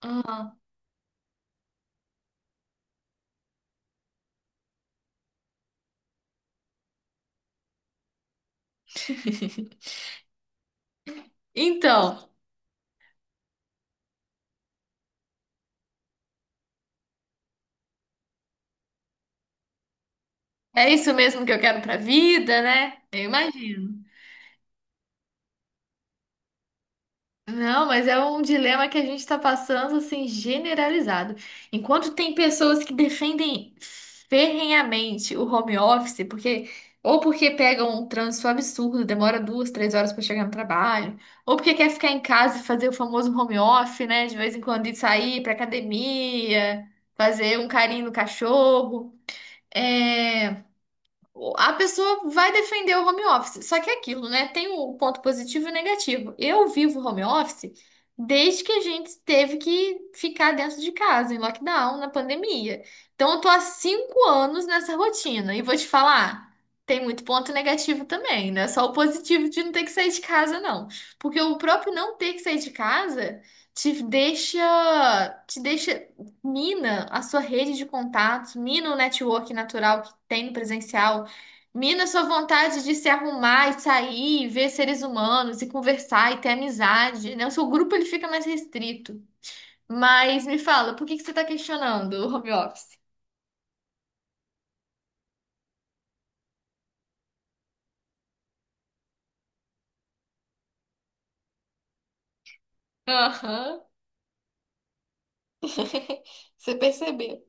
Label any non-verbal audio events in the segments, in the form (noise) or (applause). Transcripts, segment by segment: Ah. (laughs) Então, é isso mesmo que eu quero pra vida, né? Eu imagino. Não, mas é um dilema que a gente está passando assim generalizado. Enquanto tem pessoas que defendem ferrenhamente o home office, porque ou porque pegam um trânsito absurdo, demora duas, 3 horas para chegar no trabalho, ou porque quer ficar em casa e fazer o famoso home office, né? De vez em quando ir sair para academia, fazer um carinho no cachorro. É... a pessoa vai defender o home office. Só que é aquilo, né? Tem o ponto positivo e o negativo. Eu vivo home office desde que a gente teve que ficar dentro de casa, em lockdown, na pandemia. Então, eu tô há 5 anos nessa rotina. E vou te falar, tem muito ponto negativo também, né? Só o positivo de não ter que sair de casa, não. Porque o próprio não ter que sair de casa te deixa, te deixa, mina a sua rede de contatos, mina o network natural que tem no presencial. Mina, sua vontade de se arrumar e sair, e ver seres humanos e conversar e ter amizade, né? O seu grupo ele fica mais restrito. Mas me fala, por que que você está questionando o home office? Aham. (laughs) Você percebeu?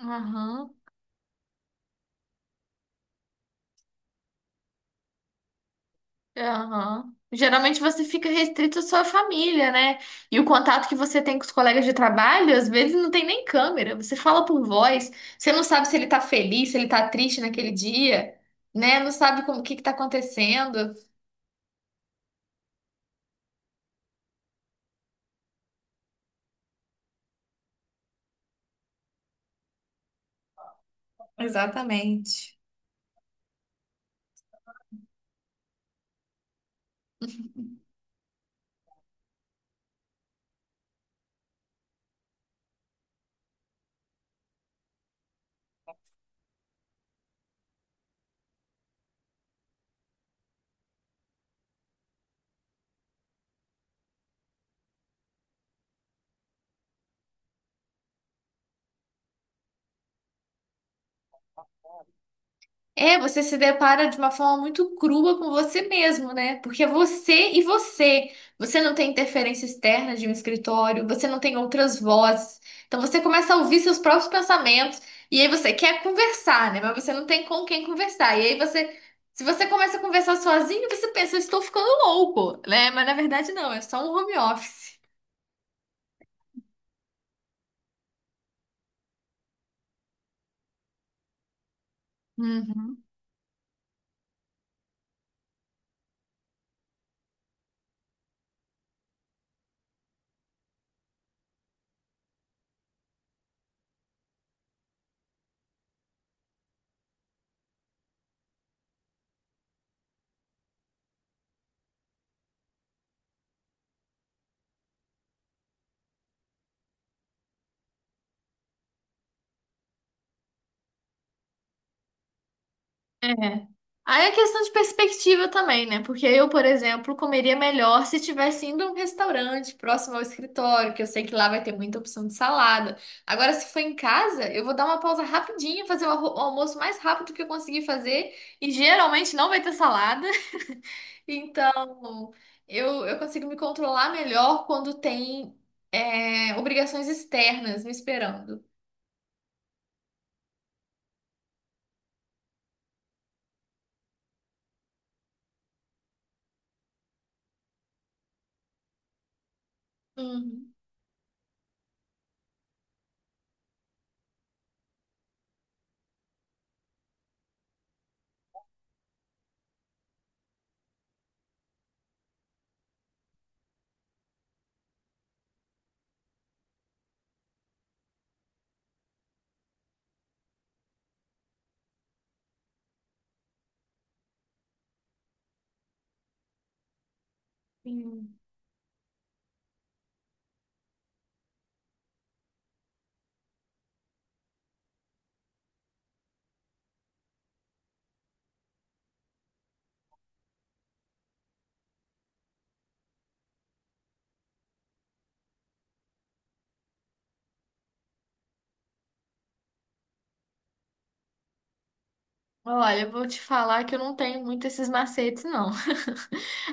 Aham, aham. Geralmente você fica restrito à sua família, né? E o contato que você tem com os colegas de trabalho, às vezes não tem nem câmera. Você fala por voz, você não sabe se ele tá feliz, se ele tá triste naquele dia, né? Não sabe como o que que tá acontecendo. Exatamente. É, você se depara de uma forma muito crua com você mesmo, né? Porque é você e você. Você não tem interferência externa de um escritório, você não tem outras vozes. Então você começa a ouvir seus próprios pensamentos e aí você quer conversar, né? Mas você não tem com quem conversar. E aí se você começa a conversar sozinho, você pensa, eu estou ficando louco, né? Mas na verdade não, é só um home office. Uhum. É. Aí é questão de perspectiva também, né? Porque eu, por exemplo, comeria melhor se tivesse indo a um restaurante próximo ao escritório, que eu sei que lá vai ter muita opção de salada. Agora, se for em casa, eu vou dar uma pausa rapidinha, fazer o o almoço mais rápido que eu conseguir fazer, e geralmente não vai ter salada. (laughs) Então, eu consigo me controlar melhor quando tem, obrigações externas me esperando. Uhum. Sim. Olha, eu vou te falar que eu não tenho muito esses macetes, não.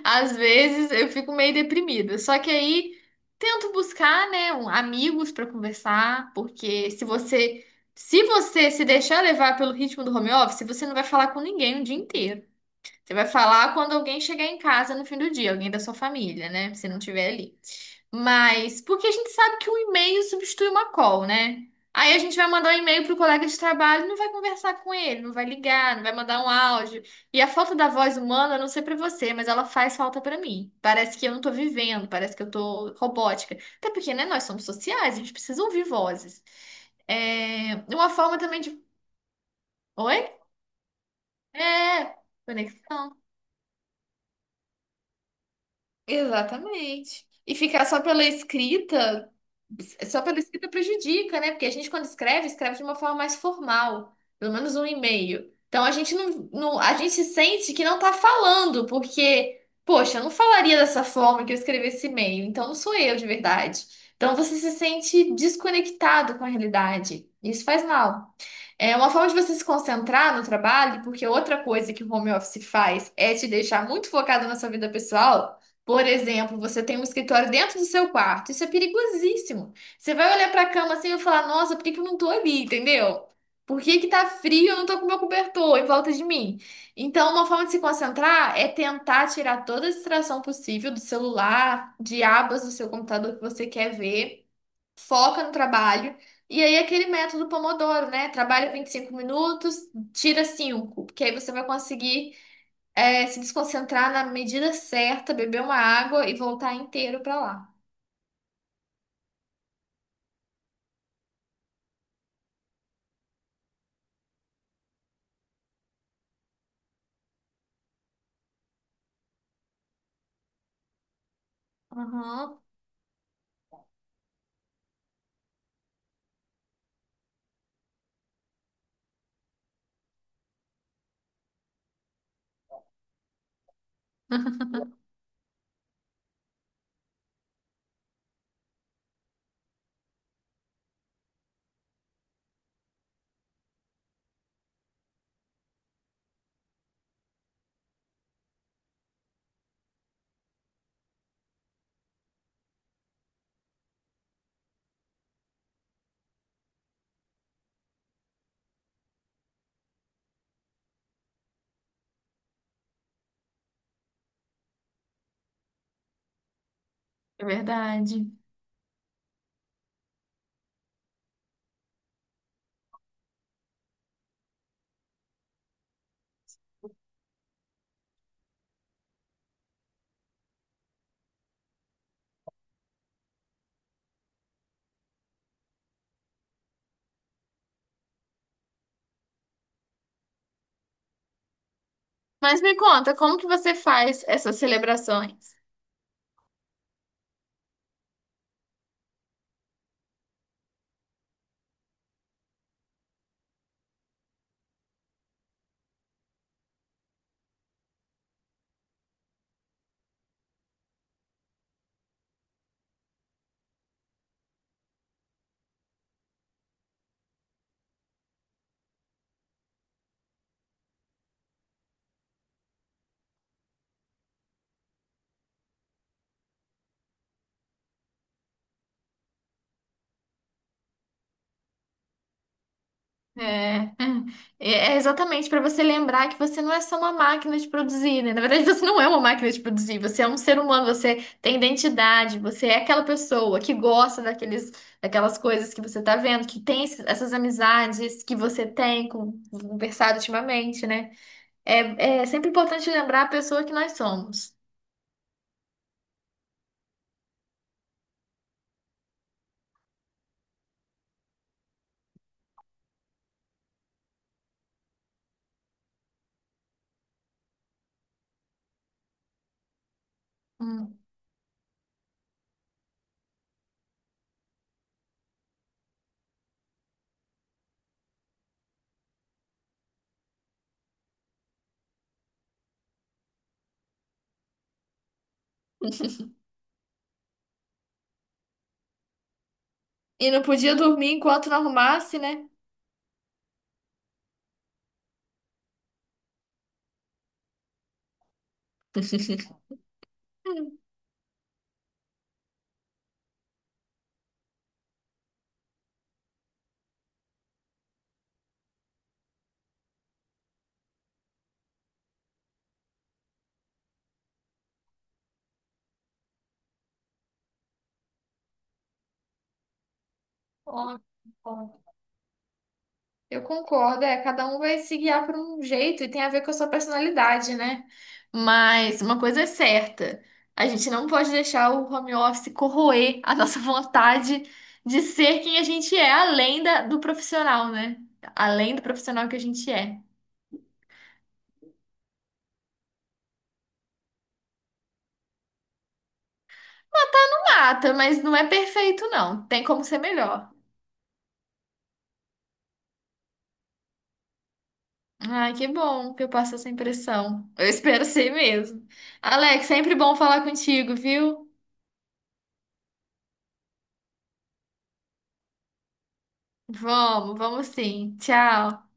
Às vezes eu fico meio deprimida. Só que aí tento buscar, né, amigos para conversar, porque se você se deixar levar pelo ritmo do home office, você não vai falar com ninguém o dia inteiro. Você vai falar quando alguém chegar em casa no fim do dia, alguém da sua família, né? Se não tiver ali. Mas, porque a gente sabe que um e-mail substitui uma call, né? Aí a gente vai mandar um e-mail pro colega de trabalho, e não vai conversar com ele, não vai ligar, não vai mandar um áudio. E a falta da voz humana, eu não sei pra você, mas ela faz falta pra mim. Parece que eu não tô vivendo, parece que eu tô robótica. Até porque, né, nós somos sociais, a gente precisa ouvir vozes. É uma forma também de. Oi? É, conexão. Exatamente. E ficar só pela escrita. Só pela escrita prejudica, né? Porque a gente, quando escreve, escreve de uma forma mais formal, pelo menos um e-mail. Então a gente a gente sente que não tá falando, porque, poxa, eu não falaria dessa forma que eu escrevi esse e-mail, então não sou eu de verdade. Então você se sente desconectado com a realidade. Isso faz mal. É uma forma de você se concentrar no trabalho, porque outra coisa que o home office faz é te deixar muito focado na sua vida pessoal. Por exemplo, você tem um escritório dentro do seu quarto. Isso é perigosíssimo. Você vai olhar para a cama assim e falar: Nossa, por que que eu não tô ali? Entendeu? Por que que tá frio? E eu não tô com meu cobertor em volta de mim. Então, uma forma de se concentrar é tentar tirar toda a distração possível do celular, de abas do seu computador que você quer ver, foca no trabalho. E aí, aquele método Pomodoro, né? Trabalha 25 minutos, tira 5 porque aí você vai conseguir se desconcentrar na medida certa, beber uma água e voltar inteiro para lá. Aham. É verdade. Mas me conta, como que você faz essas celebrações? É, é é, exatamente para você lembrar que você não é só uma máquina de produzir, né? Na verdade, (laughs) você não é uma máquina de produzir, você é um ser humano, você tem identidade, você é aquela pessoa que gosta daqueles, daquelas coisas que você tá vendo, que tem essas amizades que você tem com, conversado ultimamente, né? É, é sempre importante lembrar a pessoa que nós somos. Hum. E não podia dormir enquanto não arrumasse, né? Hum. Ó, ó. Eu concordo, é, cada um vai se guiar por um jeito e tem a ver com a sua personalidade, né? Mas uma coisa é certa, a gente não pode deixar o home office corroer a nossa (laughs) vontade de ser quem a gente é, além do profissional, né? Além do profissional que a gente é. Mata, mas não é perfeito, não. Tem como ser melhor. Ai, que bom que eu passo essa impressão. Eu espero ser mesmo. Alex, sempre bom falar contigo, viu? Vamos, sim. Tchau.